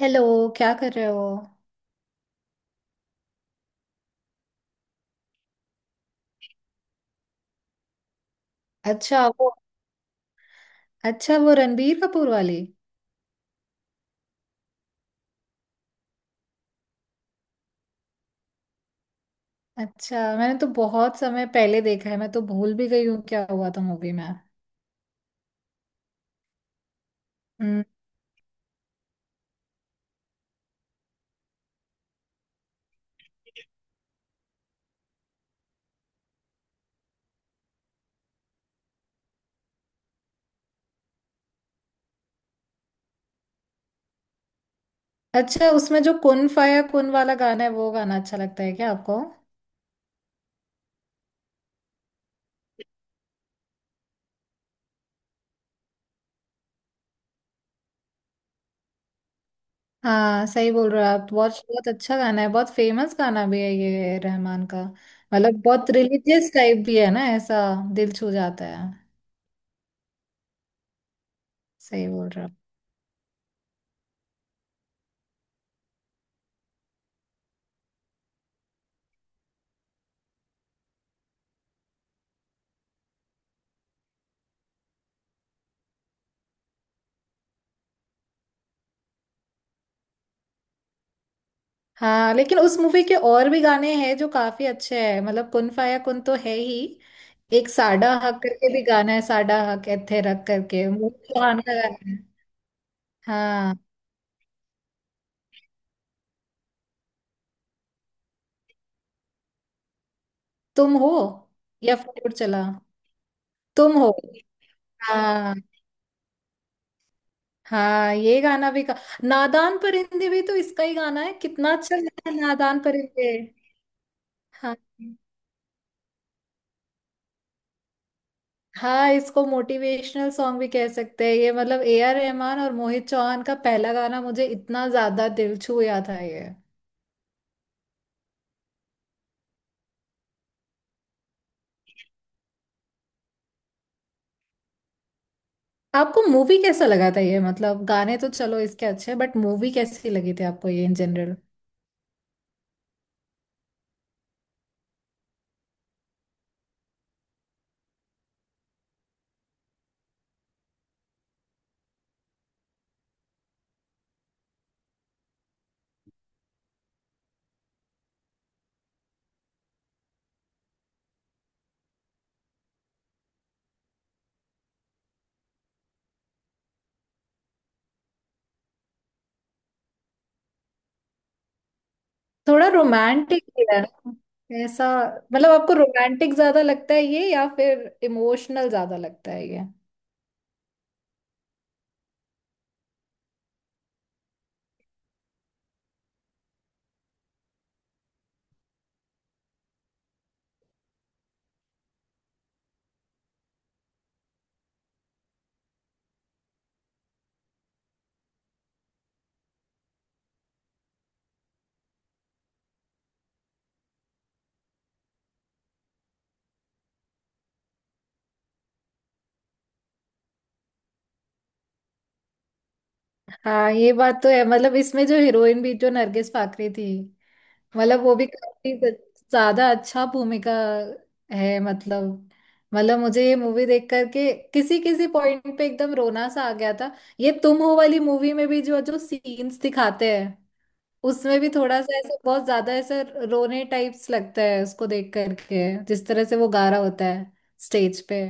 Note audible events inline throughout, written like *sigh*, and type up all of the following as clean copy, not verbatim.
Hello. क्या कर रहे हो? अच्छा वो अच्छा वो रणबीर कपूर वाली। अच्छा, मैंने तो बहुत समय पहले देखा है, मैं तो भूल भी गई हूँ क्या हुआ था मूवी में। हम्म। अच्छा, उसमें जो कुन फाया कुन वाला गाना है वो गाना अच्छा लगता है क्या आपको? हाँ, सही बोल रहे हो आप। बहुत बहुत अच्छा गाना है, बहुत फेमस गाना भी है ये रहमान का। मतलब बहुत रिलीजियस टाइप भी है ना ऐसा, दिल छू जाता है। सही बोल रहे हो। हाँ, लेकिन उस मूवी के और भी गाने हैं जो काफी अच्छे हैं, मतलब कुन फाया कुन तो है ही। एक साडा हक करके भी गाना है, साडा हक एथे रख करके, वो भी सुहाना गाना है। हाँ तुम हो, या फिर चला, तुम हो। हाँ हाँ, ये गाना भी का। नादान परिंदे भी तो इसका ही गाना है, कितना अच्छा गाना है नादान परिंदे। हाँ हाँ, इसको मोटिवेशनल सॉन्ग भी कह सकते हैं ये, मतलब ए आर रहमान और मोहित चौहान का पहला गाना मुझे इतना ज्यादा दिल छू गया था ये। आपको मूवी कैसा लगा था ये? मतलब गाने तो चलो इसके अच्छे, बट मूवी कैसी लगी थी आपको ये इन जनरल? थोड़ा रोमांटिक भी है ना? ऐसा मतलब आपको रोमांटिक ज्यादा लगता है ये या फिर इमोशनल ज्यादा लगता है ये? हाँ, ये बात तो है, मतलब इसमें जो हीरोइन भी जो नरगिस फाकरी थी, मतलब वो भी काफी ज्यादा अच्छा भूमिका है। मतलब मुझे ये मूवी देख करके किसी किसी पॉइंट पे एकदम रोना सा आ गया था। ये तुम हो वाली मूवी में भी जो जो सीन्स दिखाते हैं, उसमें भी थोड़ा सा ऐसा, बहुत ज्यादा ऐसा रोने टाइप्स लगता है उसको देख करके जिस तरह से वो गा रहा होता है स्टेज पे।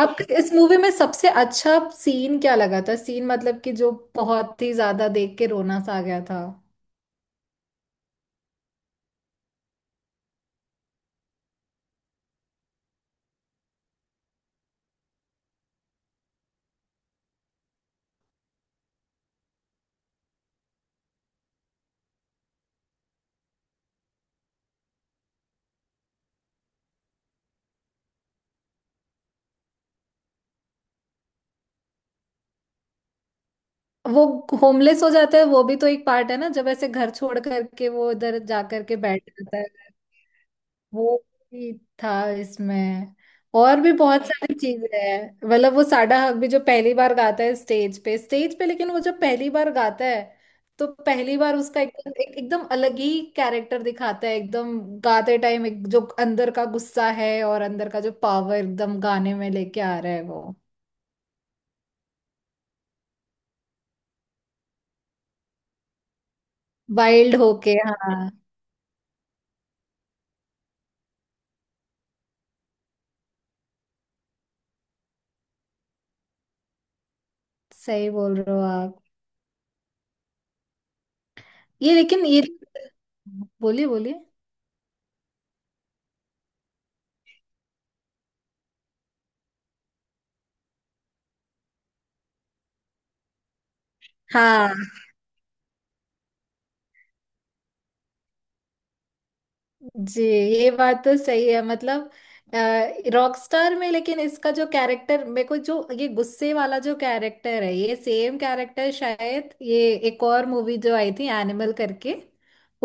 आपको इस मूवी में सबसे अच्छा सीन क्या लगा था? सीन मतलब कि जो बहुत ही ज्यादा देख के रोना सा आ गया था। वो होमलेस हो जाता है वो भी तो एक पार्ट है ना, जब ऐसे घर छोड़ करके वो इधर जा करके बैठ जाता है। वो भी था इसमें। और भी बहुत सारी चीजें हैं, मतलब वो साडा हक भी जो पहली बार गाता है स्टेज पे लेकिन वो जब पहली बार गाता है तो पहली बार उसका एकदम एकदम अलग ही कैरेक्टर दिखाता है। एकदम गाते टाइम एक जो अंदर का गुस्सा है और अंदर का जो पावर एकदम गाने में लेके आ रहा है वो वाइल्ड होके, हाँ। सही बोल रहे हो आप। ये लेकिन ये, बोलिए बोलिए। हाँ जी, ये बात तो सही है। मतलब रॉकस्टार में लेकिन इसका जो कैरेक्टर, मेरे को जो ये गुस्से वाला जो कैरेक्टर है, ये सेम कैरेक्टर शायद ये एक और मूवी जो आई थी एनिमल करके,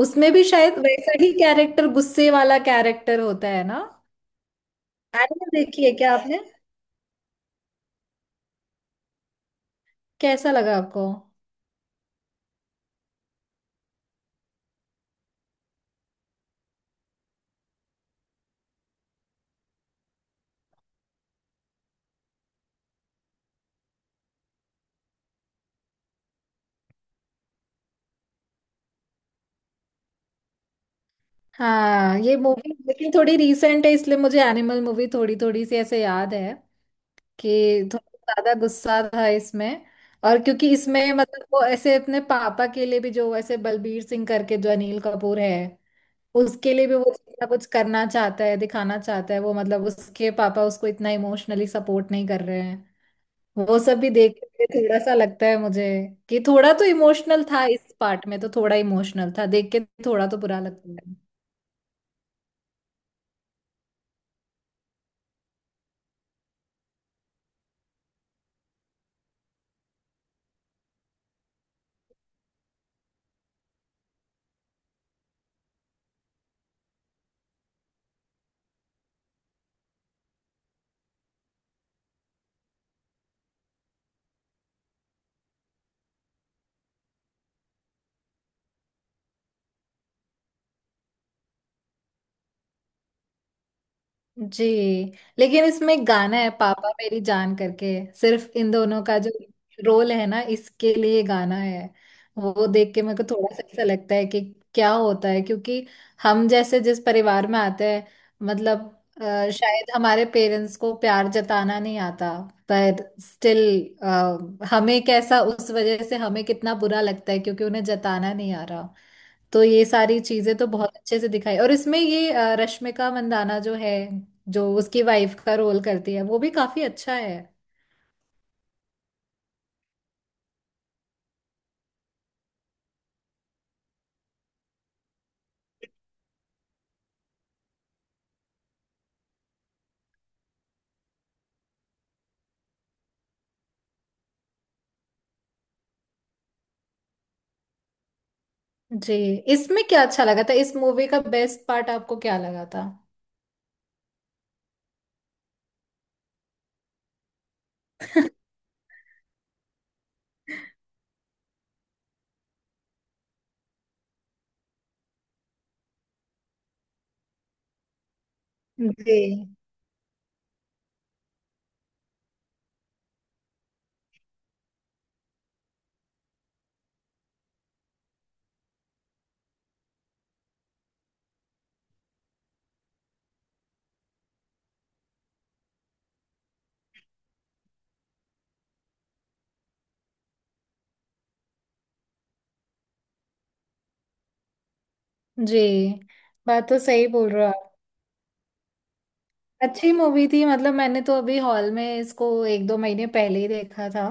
उसमें भी शायद वैसा ही कैरेक्टर, गुस्से वाला कैरेक्टर होता है ना। एनिमल देखी है क्या आपने? कैसा लगा आपको? हाँ ये मूवी लेकिन थोड़ी रीसेंट है इसलिए मुझे एनिमल मूवी थोड़ी थोड़ी सी ऐसे याद है कि थोड़ा ज्यादा गुस्सा था इसमें। और क्योंकि इसमें मतलब वो ऐसे अपने पापा के लिए भी जो वैसे बलबीर सिंह करके जो अनिल कपूर है, उसके लिए भी वो इतना कुछ करना चाहता है, दिखाना चाहता है वो। मतलब उसके पापा उसको इतना इमोशनली सपोर्ट नहीं कर रहे हैं, वो सब भी देख के थोड़ा सा लगता है मुझे कि थोड़ा तो इमोशनल था इस पार्ट में, तो थोड़ा इमोशनल था देख के, थोड़ा तो बुरा लगता है। जी, लेकिन इसमें एक गाना है पापा मेरी जान करके, सिर्फ इन दोनों का जो रोल है ना, इसके लिए गाना है। वो देख के मेरे को थोड़ा सा ऐसा लगता है कि क्या होता है, क्योंकि हम जैसे जिस परिवार में आते हैं, मतलब शायद हमारे पेरेंट्स को प्यार जताना नहीं आता, पर स्टिल हमें कैसा, उस वजह से हमें कितना बुरा लगता है क्योंकि उन्हें जताना नहीं आ रहा। तो ये सारी चीजें तो बहुत अच्छे से दिखाई, और इसमें ये रश्मिका मंदाना जो है, जो उसकी वाइफ का रोल करती है, वो भी काफी अच्छा है। जी। इसमें क्या अच्छा लगा था, इस मूवी का बेस्ट पार्ट आपको क्या लगा था? जी। जी, बात तो सही बोल रहे हो आप। अच्छी मूवी थी, मतलब मैंने तो अभी हॉल में इसको एक दो महीने पहले ही देखा था।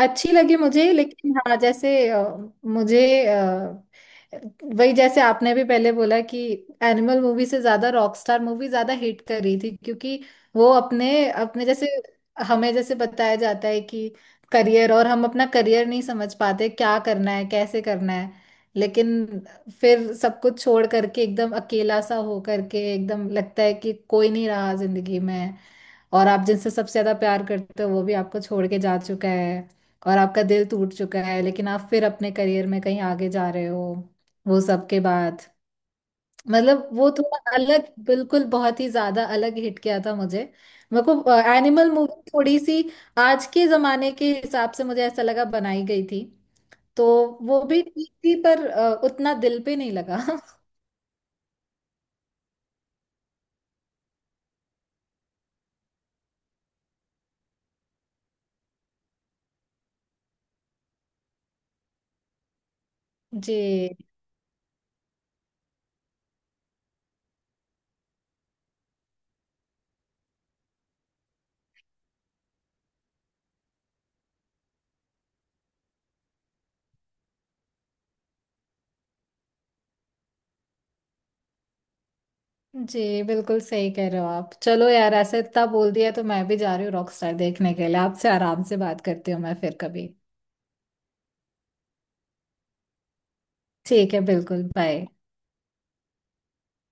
अच्छी लगी मुझे लेकिन हाँ जैसे, मुझे अ, वही जैसे आपने भी पहले बोला कि एनिमल मूवी से ज्यादा रॉकस्टार मूवी ज्यादा हिट कर रही थी, क्योंकि वो अपने अपने जैसे, हमें जैसे बताया जाता है कि करियर, और हम अपना करियर नहीं समझ पाते क्या करना है कैसे करना है। लेकिन फिर सब कुछ छोड़ करके एकदम अकेला सा हो करके एकदम लगता है कि कोई नहीं रहा जिंदगी में, और आप जिनसे सबसे ज्यादा प्यार करते हो वो भी आपको छोड़ के जा चुका है, और आपका दिल टूट चुका है लेकिन आप फिर अपने करियर में कहीं आगे जा रहे हो वो सब के बाद। मतलब वो थोड़ा अलग, बिल्कुल बहुत ही ज्यादा अलग हिट किया था मुझे। मेरे को एनिमल मूवी थोड़ी सी आज के जमाने के हिसाब से मुझे ऐसा लगा बनाई गई थी। तो वो भी ठीक थी पर उतना दिल पे नहीं लगा। *laughs* जी। जी, बिल्कुल सही कह रहे हो आप। चलो यार, ऐसे इतना बोल दिया तो मैं भी जा रही हूँ रॉकस्टार देखने के लिए। आपसे आराम से बात करती हूँ मैं फिर कभी। ठीक है, बिल्कुल। बाय।